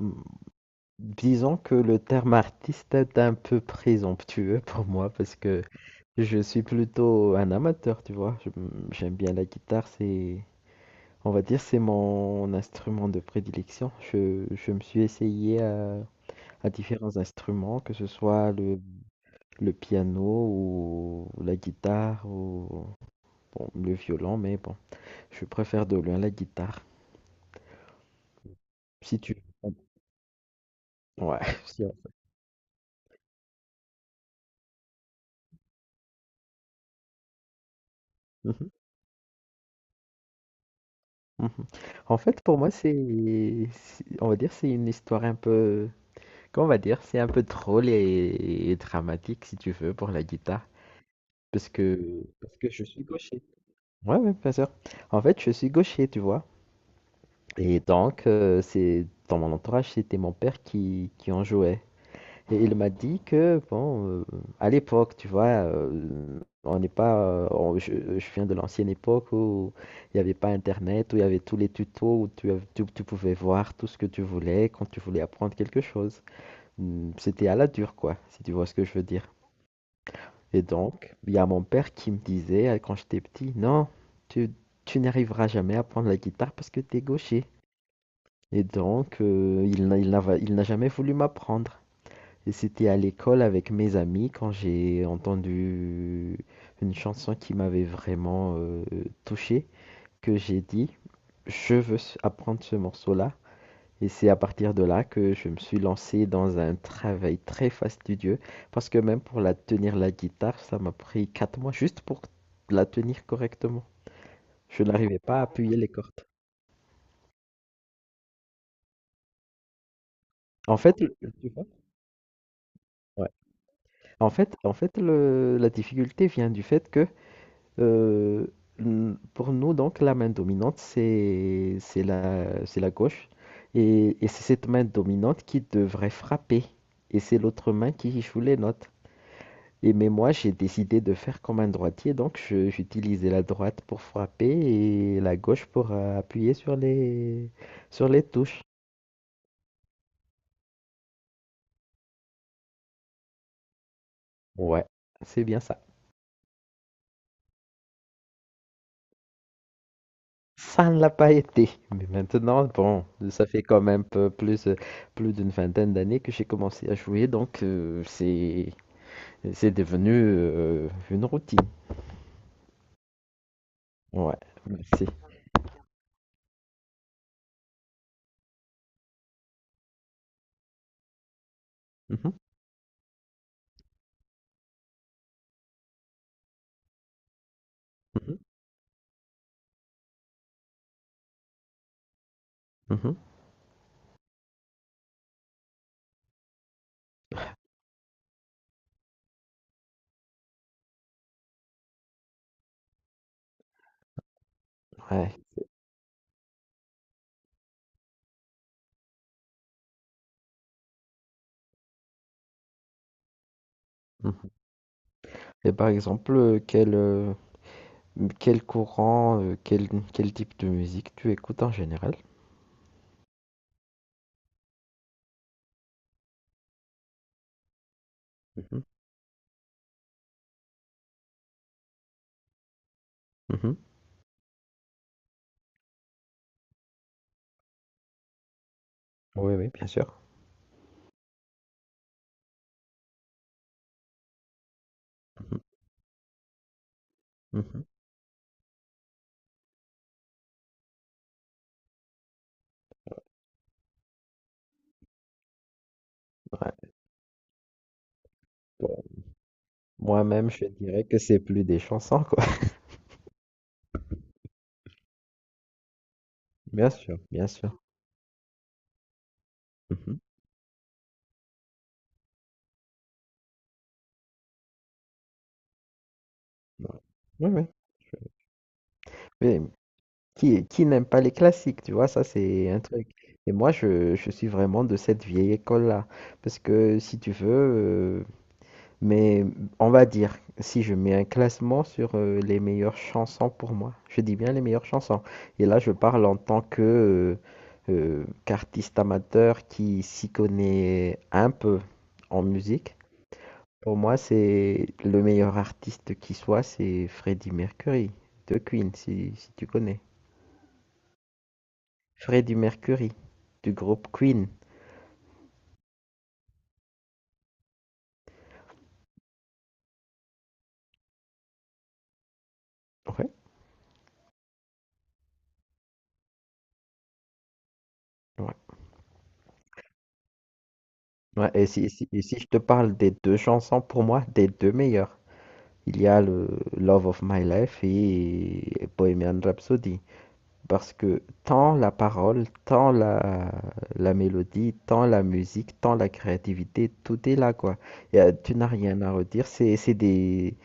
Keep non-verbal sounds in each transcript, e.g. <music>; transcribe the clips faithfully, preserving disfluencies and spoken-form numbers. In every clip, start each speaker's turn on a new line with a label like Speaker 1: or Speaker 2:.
Speaker 1: Mm. Disons que le terme artiste est un peu présomptueux <laughs> pour moi parce que je suis plutôt un amateur, tu vois. Je- J'aime bien la guitare, c'est, on va dire, c'est mon instrument de prédilection. Je, je me suis essayé à, à différents instruments, que ce soit le, le piano ou la guitare ou bon, le violon, mais bon, je préfère de loin la guitare. Si tu... Ouais, <laughs> si- Mhm. En fait, pour moi, c'est, c'est- on va dire, c'est une histoire un peu, comment on va dire, c'est un peu drôle et, et dramatique, si tu veux, pour la guitare, parce que, parce que je suis gaucher. Ouais, ouais, bien sûr. En fait, je suis gaucher, tu vois. Et donc, euh, c'est dans mon entourage, c'était mon père qui, qui en jouait. Et il m'a dit que, bon, euh, à l'époque, tu vois, euh, on n'est pas. euh, on- je, je viens de l'ancienne époque où il n'y avait pas Internet, où il y avait tous les tutos, où tu, av- tu, tu pouvais voir tout ce que tu voulais quand tu voulais apprendre quelque chose. Hmm, C'était à la dure, quoi, si tu vois ce que je veux dire. Et donc, il y a mon père qui me disait, euh, quand j'étais petit, non, tu, tu n'arriveras jamais à prendre la guitare parce que tu es gaucher. Et donc, euh, il n'a il n'a- il n'a jamais voulu m'apprendre. Et c'était à l'école avec mes amis quand j'ai entendu une chanson qui m'avait vraiment euh, touché, que j'ai dit, je veux apprendre ce morceau-là. Et c'est à partir de là que je me suis lancé dans un travail très fastidieux, parce que même pour la tenir la guitare, ça m'a pris quatre mois juste pour la tenir correctement. Je n'arrivais pas à appuyer les cordes. En fait, tu vois? Ouais. En fait, en fait le- la difficulté vient du fait que Euh, n- pour nous, donc, la main dominante, c'est c'est la, c'est la gauche. Et, et c'est cette main dominante qui devrait frapper. Et c'est l'autre main qui joue les notes. Et mais moi, j'ai décidé de faire comme un droitier, donc je- j'utilisais la droite pour frapper et la gauche pour euh, appuyer sur les, sur les touches. Ouais, c'est bien ça. Ça ne l'a pas été. Mais maintenant, bon, ça fait quand même peu- plus, euh, plus d'une vingtaine d'années que j'ai commencé à jouer, donc euh, c'est, c'est devenu euh, une routine. Ouais, merci. Mhm, mhm, mhm, ouais, mhm. Et par exemple, euh, quel, euh, quel courant, euh, quel, quel type de musique tu écoutes en général? Mhm, mhm. Oui, oui, bien sûr. Mhm, mhm. Ouais. Bon, moi-même, je dirais que c'est plus des chansons, quoi. <laughs> Bien sûr, bien sûr. Mhm. Ouais. Ouais, ouais. Mais qui, qui n'aime pas les classiques, tu vois, ça c'est un truc. Et moi, je, je suis vraiment de cette vieille école-là. Parce que si tu veux, euh, mais on va dire, si je mets un classement sur euh, les meilleures chansons pour moi, je dis bien les meilleures chansons. Et là, je parle en tant que euh, euh, qu'artiste amateur qui s'y connaît un peu en musique. Pour moi, c'est le meilleur artiste qui soit, c'est Freddie Mercury de Queen, si, si tu connais. Freddie Mercury du groupe Queen. Ouais, ouais. Ouais, et si, si- et si je te parle des deux chansons, pour moi, des deux meilleures, il y a le Love of My Life et Bohemian Rhapsody. Parce que tant la parole, tant la, la mélodie, tant la musique, tant la créativité, tout est là, quoi. Y a- tu n'as rien à redire. C'est, c'est des,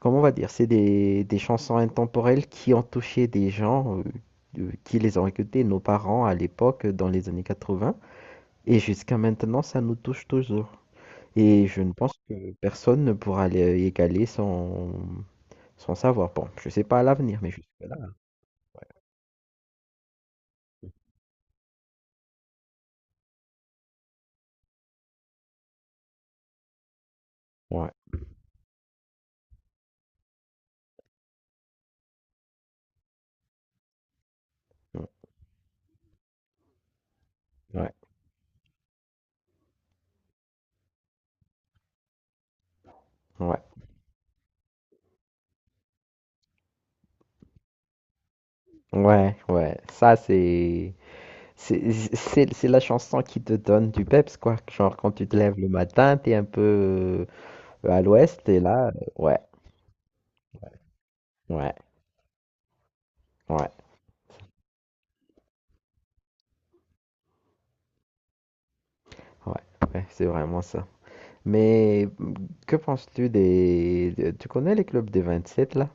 Speaker 1: comment on va dire, c'est des, des chansons intemporelles qui ont touché des gens, euh, euh, qui les ont écoutées, nos parents à l'époque, dans les années quatre-vingt. Et jusqu'à maintenant, ça nous touche toujours. Et je ne pense que personne ne pourra les égaler son, son savoir. Bon, je sais pas à l'avenir, mais jusque-là. Ouais, ouais, ouais. Ouais. Ouais. Ouais, ouais, ça c'est c'est c'est c'est la chanson qui te donne du peps quoi, genre quand tu te lèves le matin, t'es un peu euh, à l'ouest et là, euh, ouais, ouais, ouais, ouais, ouais, c'est vraiment ça. Mais que penses-tu des, de- tu connais les clubs des vingt-sept là?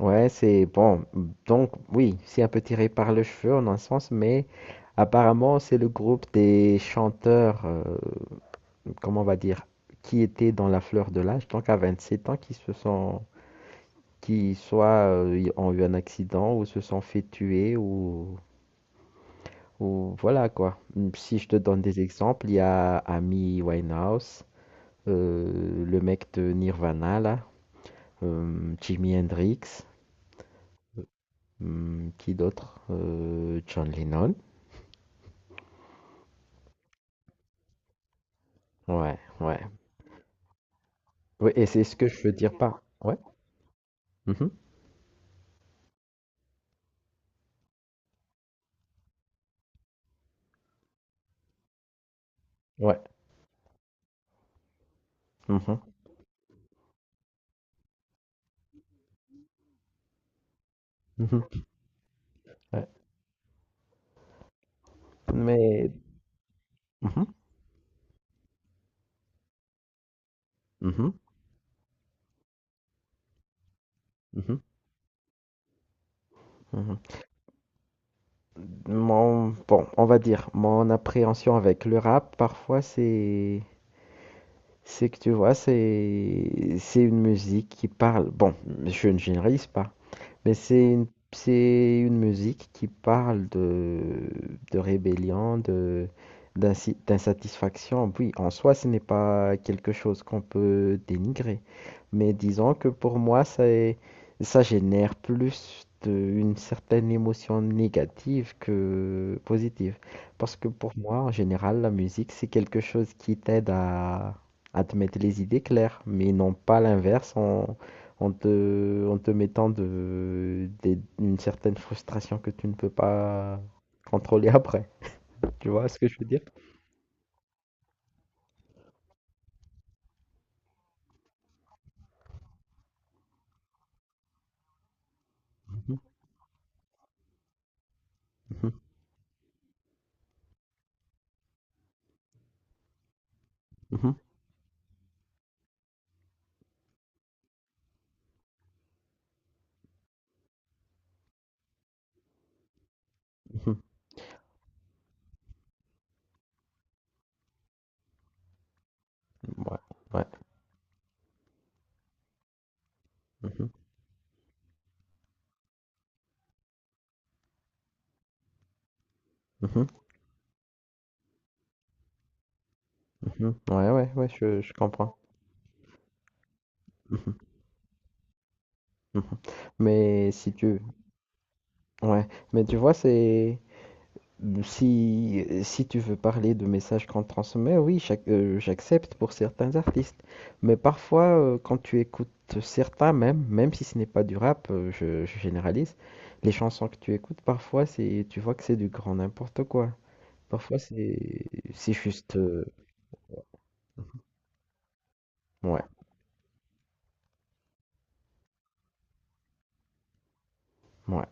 Speaker 1: Ouais, c'est bon, donc oui, c'est un peu tiré par le cheveu en un sens, mais apparemment c'est le groupe des chanteurs, euh, comment on va dire, qui étaient dans la fleur de l'âge, donc à vingt-sept ans, qui se sont qui soit euh, y- ont eu un accident ou se sont fait tuer ou, ou voilà quoi. Hum, Si je te donne des exemples, il y a Amy Winehouse, euh, le mec de Nirvana là, euh, Jimi Hendrix, hum, qui d'autre? Euh, John Lennon. Ouais, ouais. Oui, et c'est ce que je veux dire par. Ouais. Mhm. Ouais. Mhm, mhm, ouais. Mais. Mhm, mhm, mhm, mhm. Mon, bon, on va dire, mon appréhension avec le rap, parfois, c'est, c'est que tu vois, c'est, c'est une musique qui parle. Bon, je ne généralise pas, mais c'est une, c'est une musique qui parle de, de rébellion, de, d'insi- d'insatisfaction. Oui, en soi, ce n'est pas quelque chose qu'on peut dénigrer. Mais disons que pour moi, ça, est- ça génère plus de- une certaine émotion négative que positive. Parce que pour moi, en général, la musique, c'est quelque chose qui t'aide à, à te mettre les idées claires, mais non pas l'inverse. On- en te, en te mettant de, des- une certaine frustration que tu ne peux pas contrôler après. Tu vois ce que je veux dire? Mhm, mhm, mhm, mhm. Ouais, ouais. Mhm, mhm, mhm. Ouais, ouais, ouais, je, je comprends. Mhm, mhm. Mais si tu... Ouais, mais tu vois, c'est... Si, si tu veux parler de messages qu'on transmet, oui, j'ac- euh, j'accepte pour certains artistes. Mais parfois, euh, quand tu écoutes certains, même, même si ce n'est pas du rap, euh, je, je généralise, les chansons que tu écoutes, parfois, c'est, tu vois que c'est du grand n'importe quoi. Parfois, c'est, c'est juste... euh, ouais, ouais,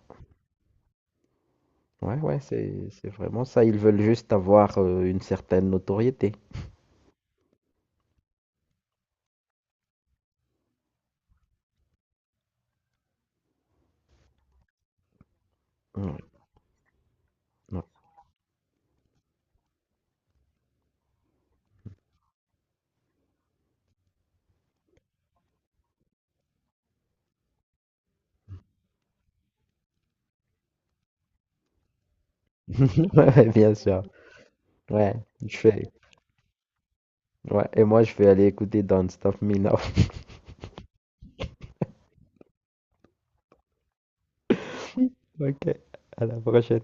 Speaker 1: ouais, ouais, c'est, c'est vraiment ça. Ils veulent juste avoir euh, une certaine notoriété. Ouais, ouais. <laughs> Ouais, bien sûr. Ouais, je fais. Ouais, et moi je vais aller écouter Don't Stop Me Now. <laughs> Ok, à la prochaine.